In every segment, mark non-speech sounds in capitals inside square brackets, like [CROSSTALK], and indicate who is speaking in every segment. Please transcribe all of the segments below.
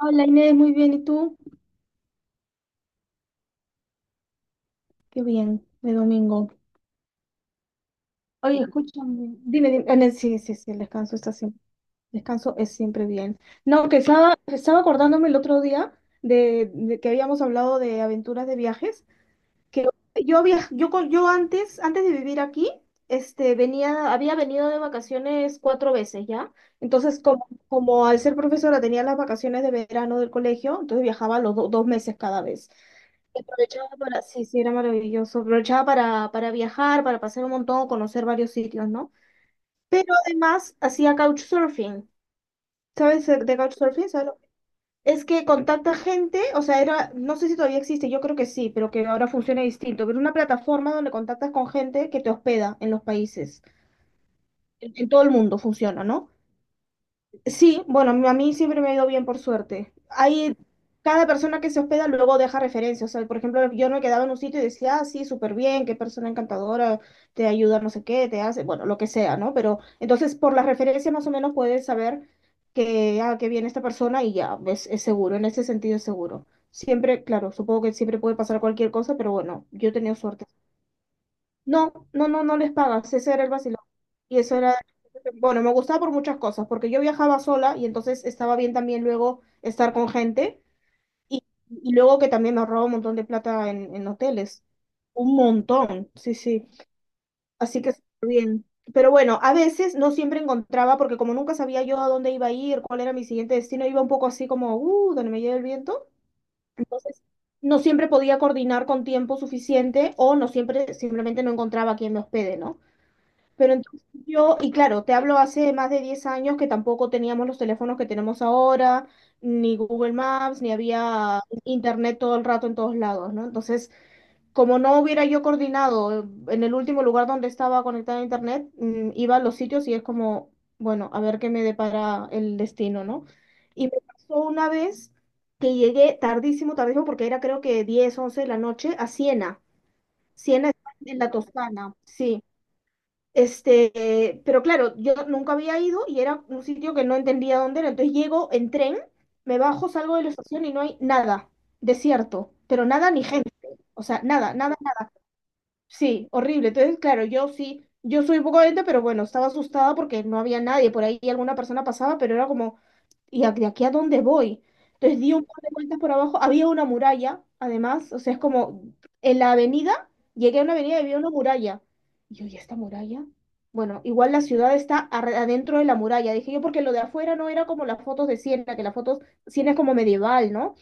Speaker 1: Hola Inés, muy bien. ¿Y tú? Qué bien, de domingo. Oye, escúchame. Dime, dime. Ah, no, sí, sí, sí, el descanso está siempre, descanso es siempre bien. No, que estaba acordándome el otro día de que habíamos hablado de aventuras de viajes, que yo viaj, yo, con- yo, antes de vivir aquí, había venido de vacaciones cuatro veces, ¿ya? Entonces, como al ser profesora tenía las vacaciones de verano del colegio, entonces viajaba los dos meses cada vez. Aprovechaba para, sí, sí, era maravilloso. Aprovechaba para viajar, para pasar un montón, conocer varios sitios, ¿no? Pero además hacía couchsurfing. ¿Sabes de couchsurfing? ¿Sabes lo que-? Es que contacta gente, o sea, era, no sé si todavía existe, yo creo que sí, pero que ahora funciona distinto. Pero una plataforma donde contactas con gente que te hospeda en los países. En todo el mundo funciona, ¿no? Sí, bueno, a mí siempre me ha ido bien, por suerte. Hay, cada persona que se hospeda luego deja referencias. O sea, por ejemplo, yo me quedaba en un sitio y decía, ah, sí, súper bien, qué persona encantadora, te ayuda, no sé qué, te hace, bueno, lo que sea, ¿no? Pero entonces, por las referencias más o menos puedes saber que, ah, que viene esta persona y ya, ves, es seguro, en ese sentido es seguro. Siempre, claro, supongo que siempre puede pasar cualquier cosa, pero bueno, yo he tenido suerte. No, no, no, no les pagas, ese era el vacilón. Y eso era, bueno, me gustaba por muchas cosas, porque yo viajaba sola y entonces estaba bien también luego estar con gente y, y luego que también ahorraba un montón de plata en hoteles, un montón, sí, sí. Así que, pero bueno, a veces no siempre encontraba, porque como nunca sabía yo a dónde iba a ir, cuál era mi siguiente destino, iba un poco así como, donde me lleve el viento. Entonces, no siempre podía coordinar con tiempo suficiente o no siempre, simplemente no encontraba a quien me hospede, ¿no? Pero entonces yo, y claro, te hablo hace más de 10 años que tampoco teníamos los teléfonos que tenemos ahora, ni Google Maps, ni había internet todo el rato en todos lados, ¿no? Entonces, como no hubiera yo coordinado en el último lugar donde estaba conectada a internet, iba a los sitios y es como, bueno, a ver qué me depara el destino, ¿no? Y me pasó una vez que llegué tardísimo, tardísimo, porque era creo que 10 11 de la noche, a Siena. Siena está en la Toscana, sí. Este, pero claro, yo nunca había ido y era un sitio que no entendía dónde era. Entonces llego en tren, me bajo, salgo de la estación y no hay nada, desierto, pero nada ni gente. O sea, nada, nada, nada. Sí, horrible. Entonces, claro, yo sí, yo soy un poco gente, pero bueno, estaba asustada porque no había nadie. Por ahí alguna persona pasaba, pero era como, ¿y de aquí a dónde voy? Entonces di un par de vueltas por abajo, había una muralla, además, o sea, es como en la avenida, llegué a una avenida y había una muralla. Y yo, ¿y esta muralla? Bueno, igual la ciudad está adentro de la muralla, dije yo, porque lo de afuera no era como las fotos de Siena, que las fotos, Siena es como medieval, ¿no?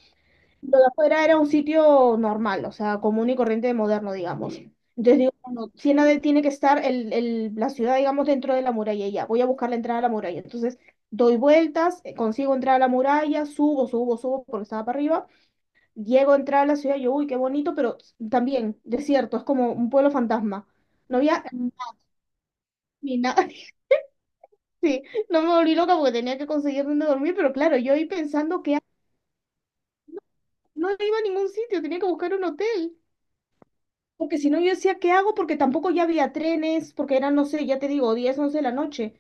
Speaker 1: Lo de afuera era un sitio normal, o sea, común y corriente moderno, digamos. Entonces digo, bueno, Siena tiene que estar el, la ciudad, digamos, dentro de la muralla y ya. Voy a buscar la entrada a la muralla. Entonces doy vueltas, consigo entrar a la muralla, subo, subo, subo, porque estaba para arriba. Llego a entrar a la ciudad, yo, uy, qué bonito, pero también desierto, es como un pueblo fantasma. No había ni nada, [LAUGHS] sí, no me volví loca porque tenía que conseguir dónde dormir, pero claro, yo ahí pensando que no iba a ningún sitio, tenía que buscar un hotel. Porque si no, yo decía, ¿qué hago? Porque tampoco ya había trenes, porque eran, no sé, ya te digo, 10 11 de la noche.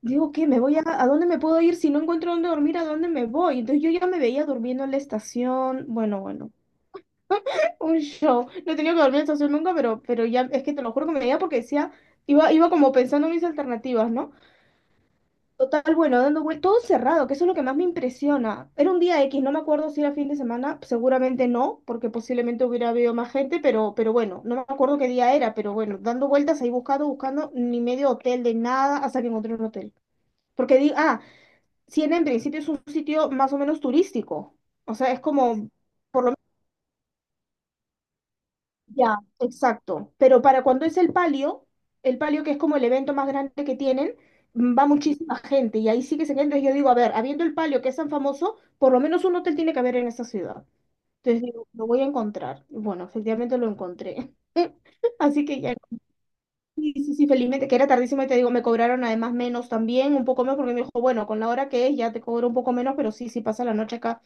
Speaker 1: Digo, ¿qué? ¿Me voy a dónde me puedo ir? Si no encuentro dónde dormir, ¿a dónde me voy? Entonces yo ya me veía durmiendo en la estación. Bueno, bueno, [LAUGHS] un show. No he tenido que dormir en la estación nunca, pero ya, es que te lo juro que me veía porque decía, iba, iba como pensando en mis alternativas, ¿no? Total, bueno, dando vueltas, todo cerrado, que eso es lo que más me impresiona. Era un día X, no me acuerdo si era fin de semana, seguramente no, porque posiblemente hubiera habido más gente, pero bueno, no me acuerdo qué día era, pero bueno, dando vueltas ahí buscando, buscando, ni medio hotel de nada hasta que encontré un hotel. Porque di, ah, Siena en principio es un sitio más o menos turístico, o sea, es como, por lo... Ya, exacto. Pero para cuando es el palio que es como el evento más grande que tienen, va muchísima gente y ahí sí que se queda. Entonces yo digo, a ver, habiendo el palio que es tan famoso, por lo menos un hotel tiene que haber en esta ciudad. Entonces digo, lo voy a encontrar. Y bueno, efectivamente lo encontré. [LAUGHS] Así que ya, sí, sí, sí, felizmente, que era tardísimo y te digo, me cobraron además menos también, un poco menos, porque me dijo, bueno, con la hora que es ya te cobro un poco menos, pero sí, sí pasa la noche acá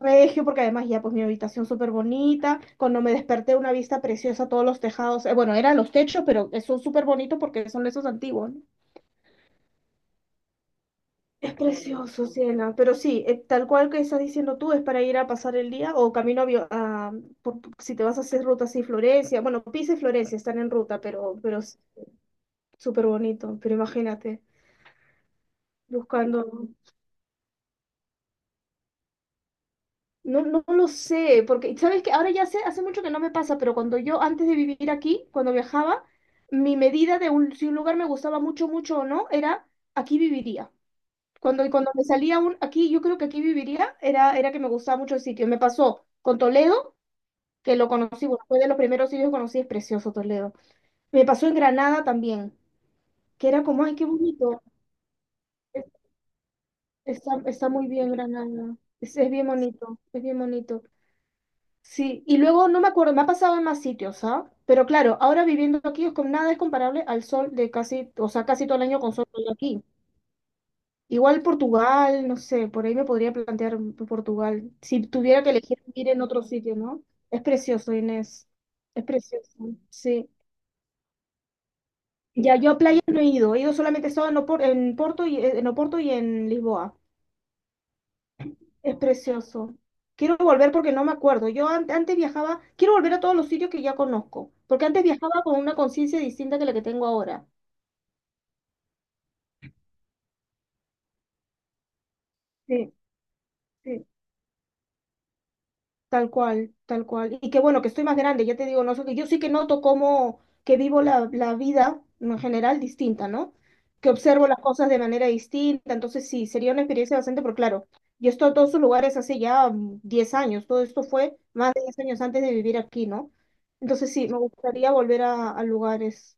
Speaker 1: regio, porque además ya pues mi habitación súper bonita, cuando me desperté una vista preciosa, todos los tejados, bueno, eran los techos, pero son súper bonitos porque son esos antiguos, ¿no? Es precioso, Ciela, pero sí, tal cual que estás diciendo tú, es para ir a pasar el día o camino a, si te vas a hacer ruta así, Florencia, bueno, Pisa y Florencia están en ruta, pero es súper bonito, pero imagínate, buscando... No, no lo sé, porque sabes que ahora ya sé, hace mucho que no me pasa, pero cuando yo antes de vivir aquí, cuando viajaba, mi medida de si un lugar me gustaba mucho, mucho o no, era aquí viviría. Cuando, y cuando me salía un aquí, yo creo que aquí viviría, era que me gustaba mucho el sitio. Me pasó con Toledo, que lo conocí, bueno, fue de los primeros sitios que conocí, es precioso Toledo. Me pasó en Granada también, que era como, ay, qué bonito. Es... Está, está muy bien Granada. Es bien bonito, es bien bonito. Sí, y luego no me acuerdo, me ha pasado en más sitios, ¿ah? Pero claro, ahora viviendo aquí es con nada es comparable al sol de casi, o sea, casi todo el año con sol de aquí. Igual Portugal, no sé, por ahí me podría plantear Portugal, si tuviera que elegir ir en otro sitio, ¿no? Es precioso, Inés. Es precioso, sí. Ya yo a playas no he ido, he ido solamente he estado en en Porto y en Oporto y en Lisboa. Es precioso. Quiero volver porque no me acuerdo. Yo antes viajaba, quiero volver a todos los sitios que ya conozco, porque antes viajaba con una conciencia distinta que la que tengo ahora. Sí, sí. Tal cual, tal cual. Y que bueno, que estoy más grande, ya te digo, no sé, que yo sí que noto cómo que vivo la vida en general distinta, ¿no? Que observo las cosas de manera distinta, entonces sí, sería una experiencia bastante, pero claro, yo he estado en todos esos lugares hace ya 10 años, todo esto fue más de 10 años antes de vivir aquí, ¿no? Entonces sí, me gustaría volver a, lugares,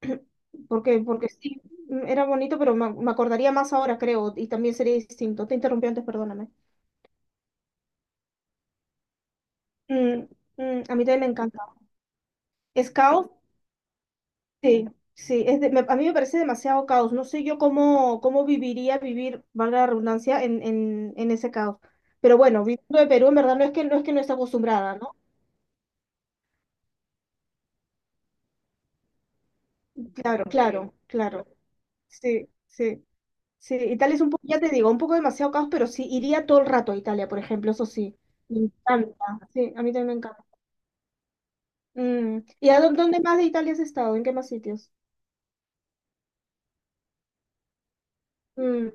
Speaker 1: [CLEARS THROAT] porque, porque sí, era bonito, pero me acordaría más ahora, creo, y también sería distinto. Te interrumpí antes, perdóname. Mm, a mí también me encanta. Es caos. Sí, sí, a mí me parece demasiado caos. No sé yo cómo, cómo viviría vivir, valga la redundancia, en ese caos. Pero bueno, viviendo de Perú, en verdad no es que no esté acostumbrada, ¿no? Claro, claro, claro. Sí, sí, sí. Italia es un poco, ya te digo, un poco demasiado caos, pero sí, iría todo el rato a Italia, por ejemplo, eso sí. Me encanta. Sí, a mí también me encanta. ¿Y dónde más de Italia has estado? ¿En qué más sitios? Mm,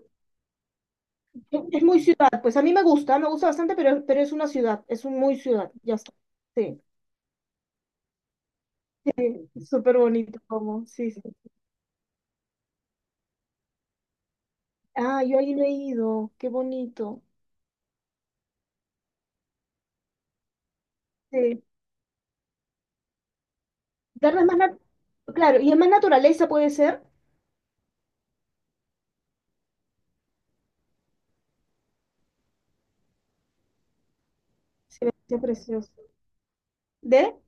Speaker 1: Es muy ciudad, pues a mí me gusta, bastante, pero es una ciudad, es un muy ciudad, ya está. Sí. Súper bonito como, sí, sí. Ah, yo ahí no he ido, qué bonito. Sí. Darles más, nat- claro, y es más naturaleza puede ser. Sí, qué precioso. ¿De?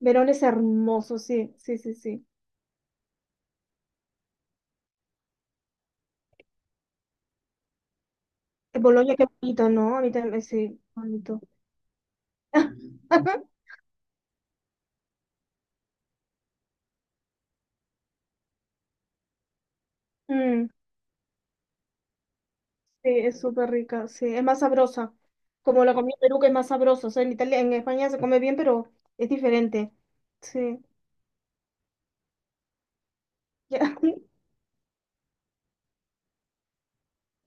Speaker 1: Verón es hermoso, sí, sí, sí, sí. En Bolonia, qué bonito, ¿no? A mí también, sí, bonito. [LAUGHS] Mm, sí, es súper rica, sí, es más sabrosa. Como la comida en Perú, que es más sabrosa. O sea, en Italia, en España se come bien, pero es diferente. Sí. [LAUGHS] Ya.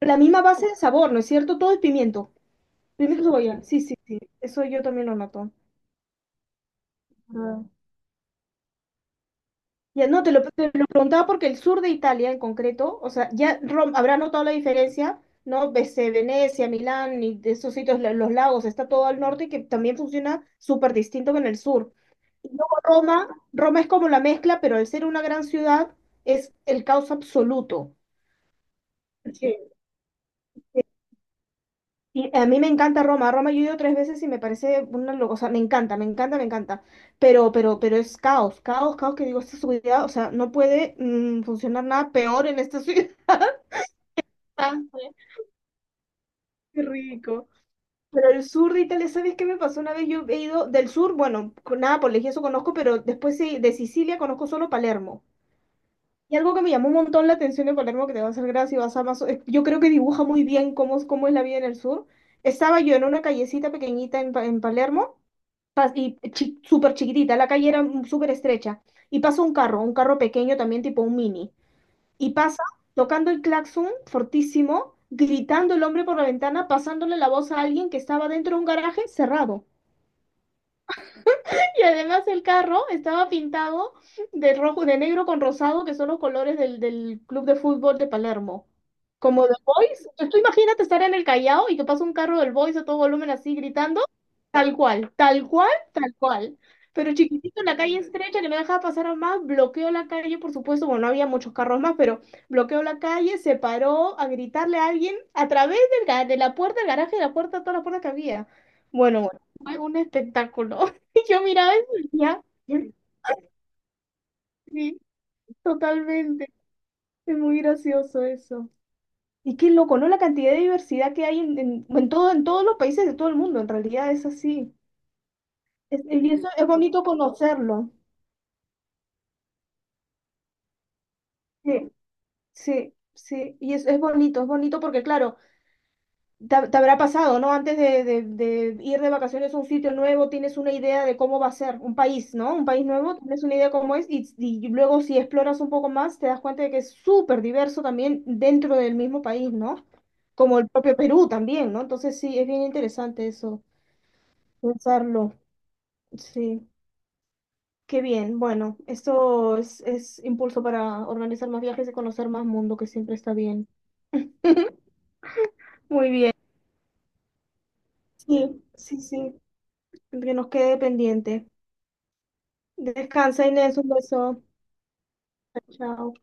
Speaker 1: La misma base de sabor, ¿no es cierto? Todo es pimiento. Pimiento cebolla, sí, sí, sí, eso yo también lo noto. Ah. Ya, no, te lo preguntaba porque el sur de Italia en concreto, o sea, habrá notado la diferencia, ¿no? Venecia, Milán y de esos sitios, los lagos, está todo al norte que también funciona súper distinto que en el sur. Y luego Roma, Roma es como la mezcla, pero al ser una gran ciudad es el caos absoluto. Y a mí me encanta Roma. Roma yo he ido tres veces y me parece una locura. O sea, me encanta, me encanta, me encanta. Pero es caos, caos, caos que digo, esta ciudad, o sea, no puede funcionar nada peor en esta [LAUGHS] ciudad. Qué rico. Pero el sur de Italia, ¿sabes qué me pasó una vez? Yo he ido del sur, bueno, con Nápoles y eso conozco, pero después sí, de Sicilia conozco solo Palermo. Y algo que me llamó un montón la atención de Palermo, que te va a hacer gracia y vas a más... es- yo creo que dibuja muy bien cómo es la vida en el sur. Estaba yo en una callecita pequeñita en, en Palermo, súper chiquitita, la calle era súper estrecha, y pasa un carro pequeño también tipo un mini, y pasa tocando el claxon fortísimo, gritando el hombre por la ventana, pasándole la voz a alguien que estaba dentro de un garaje cerrado. Y además el carro estaba pintado de rojo, de negro con rosado, que son los colores del club de fútbol de Palermo. Como de Boys. Tú imagínate estar en el Callao y que pasa un carro del Boys a todo volumen así gritando. Tal cual, tal cual, tal cual. Pero chiquitito, la calle estrecha que no dejaba pasar a más, bloqueó la calle, por supuesto, bueno, no había muchos carros más, pero bloqueó la calle, se paró a gritarle a alguien a través de la puerta del garaje, de la puerta, todas las puertas que había. Bueno, bueno, fue un espectáculo. Y yo miraba eso y ya, sí, totalmente. Es muy gracioso eso. Y qué loco, ¿no? La cantidad de diversidad que hay en todo, en todos los países de todo el mundo, en realidad es así. Y eso es bonito conocerlo. Sí, sí, sí. Y es bonito porque, claro, te habrá pasado, ¿no? Antes de ir de vacaciones a un sitio nuevo, tienes una idea de cómo va a ser un país, ¿no? Un país nuevo, tienes una idea cómo es y luego si exploras un poco más, te das cuenta de que es súper diverso también dentro del mismo país, ¿no? Como el propio Perú también, ¿no? Entonces sí, es bien interesante eso, pensarlo. Sí, qué bien. Bueno, esto es impulso para organizar más viajes y conocer más mundo, que siempre está bien. [LAUGHS] Muy bien. Sí, sí, sí, que nos quede pendiente. Descansa, Inés, un beso. Chao.